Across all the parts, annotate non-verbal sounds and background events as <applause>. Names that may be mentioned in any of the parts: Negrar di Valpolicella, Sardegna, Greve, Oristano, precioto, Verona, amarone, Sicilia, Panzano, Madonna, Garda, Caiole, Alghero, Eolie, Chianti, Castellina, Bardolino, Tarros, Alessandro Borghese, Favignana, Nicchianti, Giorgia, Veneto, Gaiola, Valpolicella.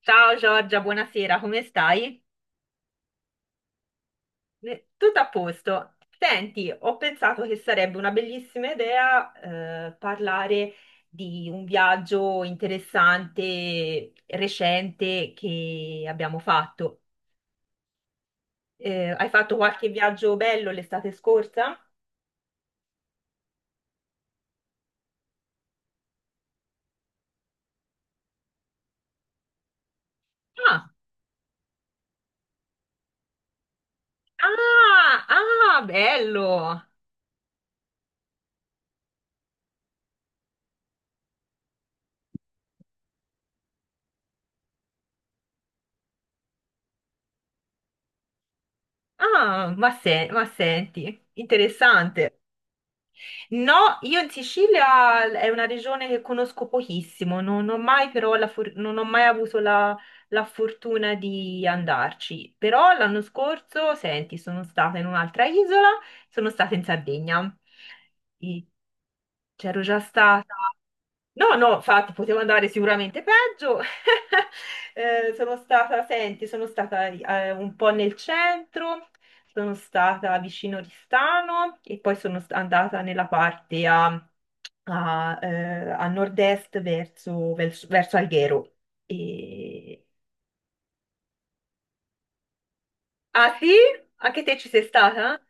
Ciao Giorgia, buonasera, come stai? Tutto a posto. Senti, ho pensato che sarebbe una bellissima idea parlare di un viaggio interessante, recente che abbiamo fatto. Hai fatto qualche viaggio bello l'estate scorsa? Ah, ah, bello! Ah, ma, ma senti, interessante. No, io in Sicilia è una regione che conosco pochissimo, non ho mai, però non ho mai avuto la fortuna di andarci. Però l'anno scorso, senti, sono stata in un'altra isola, sono stata in Sardegna. E c'ero già stata. No, no, infatti potevo andare sicuramente peggio. <laughs> Sono stata, senti, sono stata un po' nel centro, sono stata vicino Oristano e poi andata nella parte a nord-est verso Alghero. E- Ah sì? Anche te ci sei stata?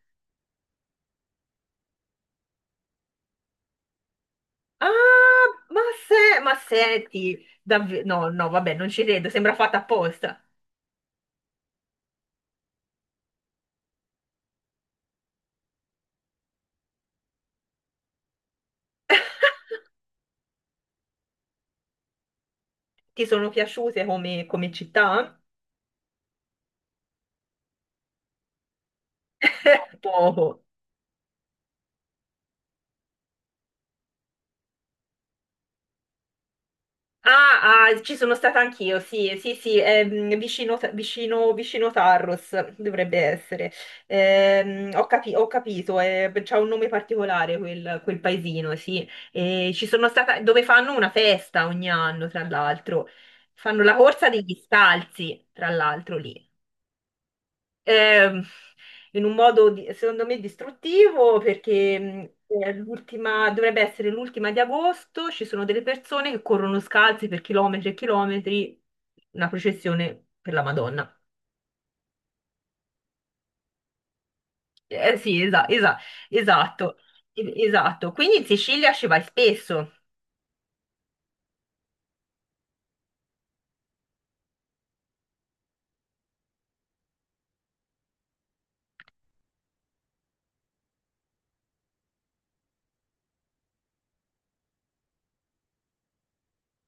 Ah, ma, ma senti, davvero... No, no, vabbè, non ci credo, sembra fatta apposta. Ti sono piaciute come città? Poco. Ah, ah, ci sono stata anch'io, sì, sì, sì, è, mm, vicino Tarros dovrebbe essere. Ho capito, c'ha un nome particolare quel paesino, sì. E ci sono stata, dove fanno una festa ogni anno, tra l'altro. Fanno la corsa degli scalzi, tra l'altro, lì. Ehm, in un secondo me distruttivo perché è dovrebbe essere l'ultima di agosto, ci sono delle persone che corrono scalzi per chilometri e chilometri, una processione per la Madonna. Sì, esatto, esatto. Quindi in Sicilia ci vai spesso.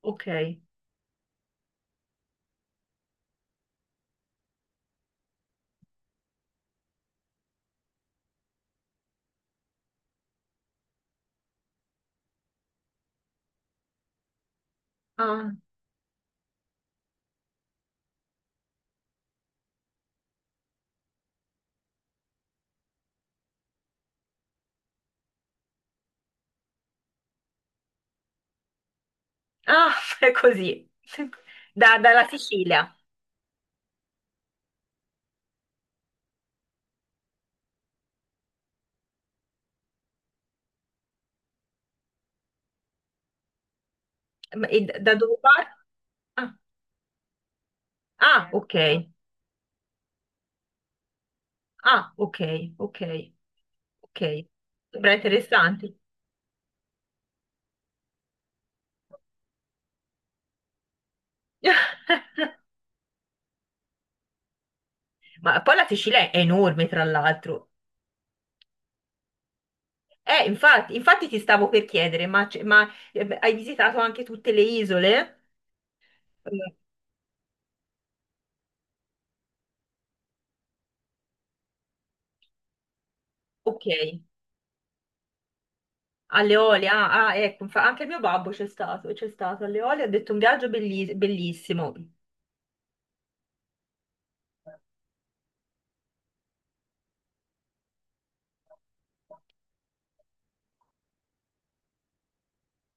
Ok. Ah, ah, <laughs> è così. Da- dalla Sicilia. Ma- E da dove parte? Ah, ah, ok. Ah, ok, ok, ok. Sembra interessante. <laughs> Ma poi la Sicilia è enorme, tra l'altro. Infatti, infatti ti stavo per chiedere, ma, ma, beh, hai visitato anche tutte le isole? Eh, ok, alle Eolie, ah, ah, ecco, anche il mio babbo c'è stato alle Eolie, ha detto un bellissimo.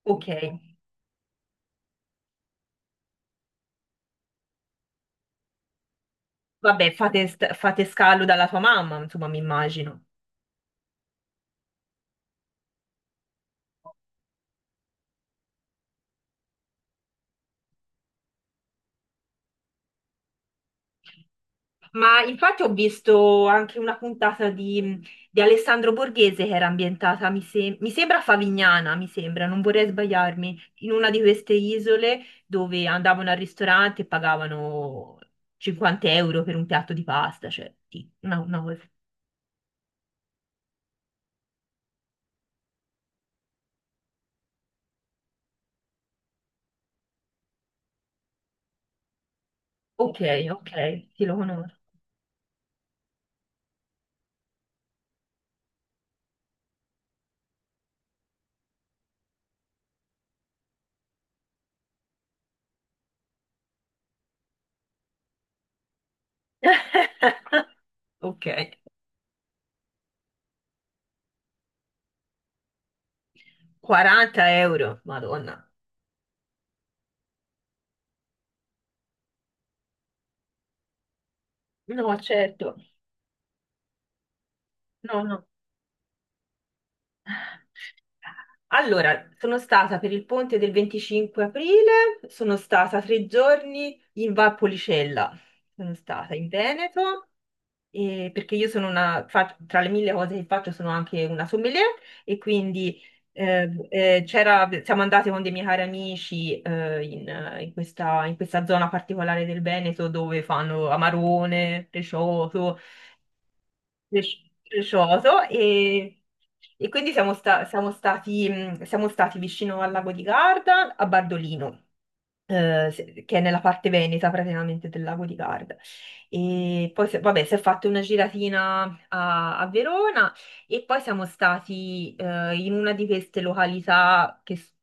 Ok, vabbè, fate, fate scalo dalla tua mamma, insomma, mi immagino. Ma infatti ho visto anche una puntata di Alessandro Borghese che era ambientata, mi, mi sembra a Favignana, mi sembra, non vorrei sbagliarmi, in una di queste isole dove andavano al ristorante e pagavano 50 euro per un piatto di pasta, cioè sì, una cosa. Ok, ok, sì, lo conosco. <laughs> Ok, 40 euro, Madonna. No, certo. No, no. Allora, sono stata per il ponte del 25 aprile, sono stata tre giorni in Valpolicella, sono stata in Veneto, perché io sono una, tra le mille cose che faccio sono anche una sommelier e quindi siamo andate con dei miei cari amici in, in in questa zona particolare del Veneto dove fanno amarone, precioto cres- crescioso e quindi siamo, siamo stati vicino al lago di Garda, a Bardolino che è nella parte veneta praticamente del lago di Garda. E poi, vabbè, si è fatta una giratina a Verona e poi siamo stati in una di queste località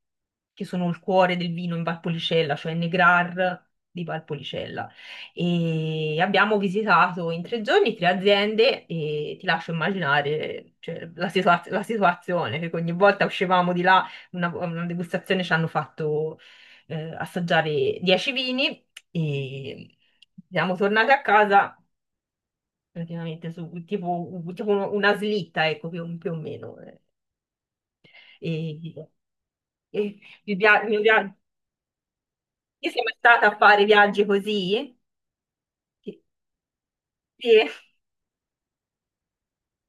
che sono il cuore del vino in Valpolicella, cioè Negrar di Valpolicella. E abbiamo visitato in tre giorni tre aziende e ti lascio immaginare, cioè, la situazione, che ogni volta uscivamo di là una degustazione ci hanno fatto assaggiare 10 vini e siamo tornati a casa praticamente su una slitta, ecco, più o meno. E, e mi pia- mi pia- io sono mai stata a fare viaggi così? Sì. Sì.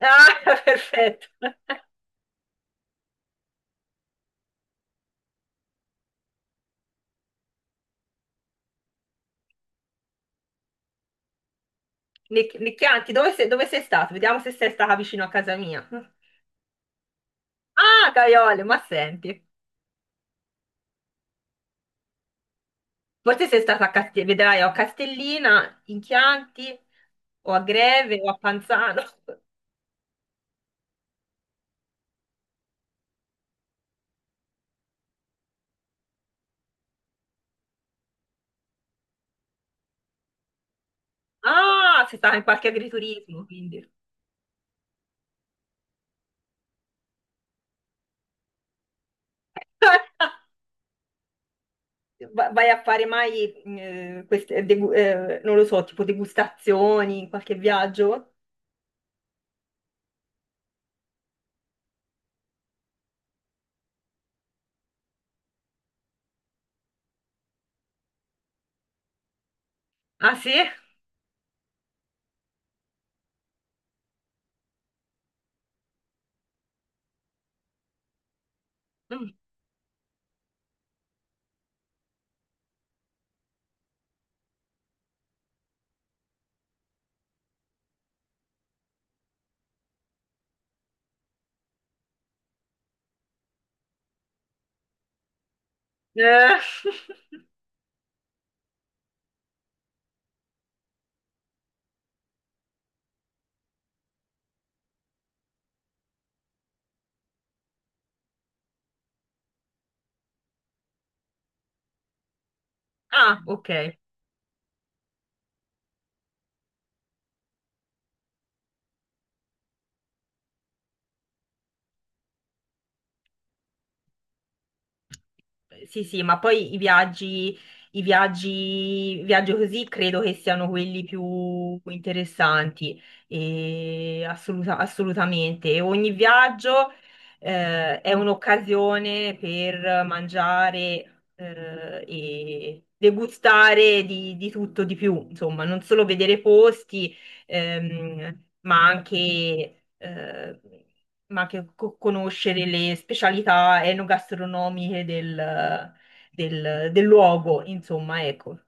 Ah, <laughs> perfetto. Nicchianti, dove sei stato? Vediamo se sei stata vicino a casa mia. Ah, Caiole, ma senti. Forse sei stata a Castellina, vedrai, o a Castellina, in Chianti, o a Greve, o a Panzano. Ah, sei stata in qualche agriturismo, quindi. <laughs> Va- Vai a fare mai, non lo so, tipo degustazioni in qualche viaggio? Ah, sì? Mm. Eh, <laughs> Ah, ok. Sì, sì, ma poi i viaggi, i viaggi così credo che siano quelli più interessanti, e assolutamente. E ogni viaggio è un'occasione per mangiare e degustare di tutto, di più, insomma, non solo vedere posti, ehm, ma anche, eh, ma anche conoscere le specialità enogastronomiche del luogo, insomma, ecco.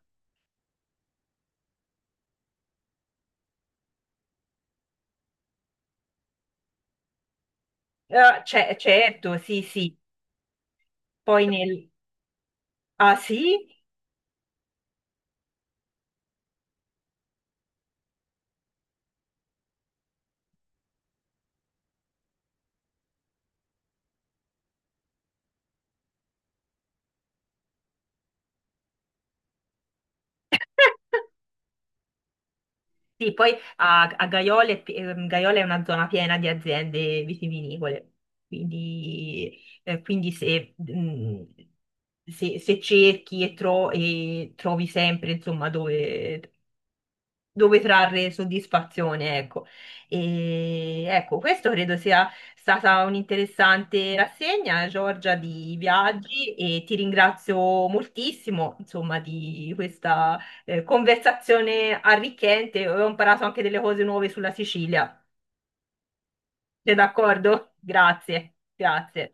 Certo, sì, sì. Poi nel... Ah, sì? <laughs> Sì, poi a, a Gaiola, è Gaiola è una zona piena di aziende vitivinicole, quindi, quindi se, se cerchi e trovi sempre, insomma, dove, dove trarre soddisfazione, ecco. E ecco, questo credo sia stata un'interessante rassegna, Giorgia, di viaggi e ti ringrazio moltissimo, insomma, di questa conversazione arricchente. Ho imparato anche delle cose nuove sulla Sicilia. Sei d'accordo? Grazie, grazie.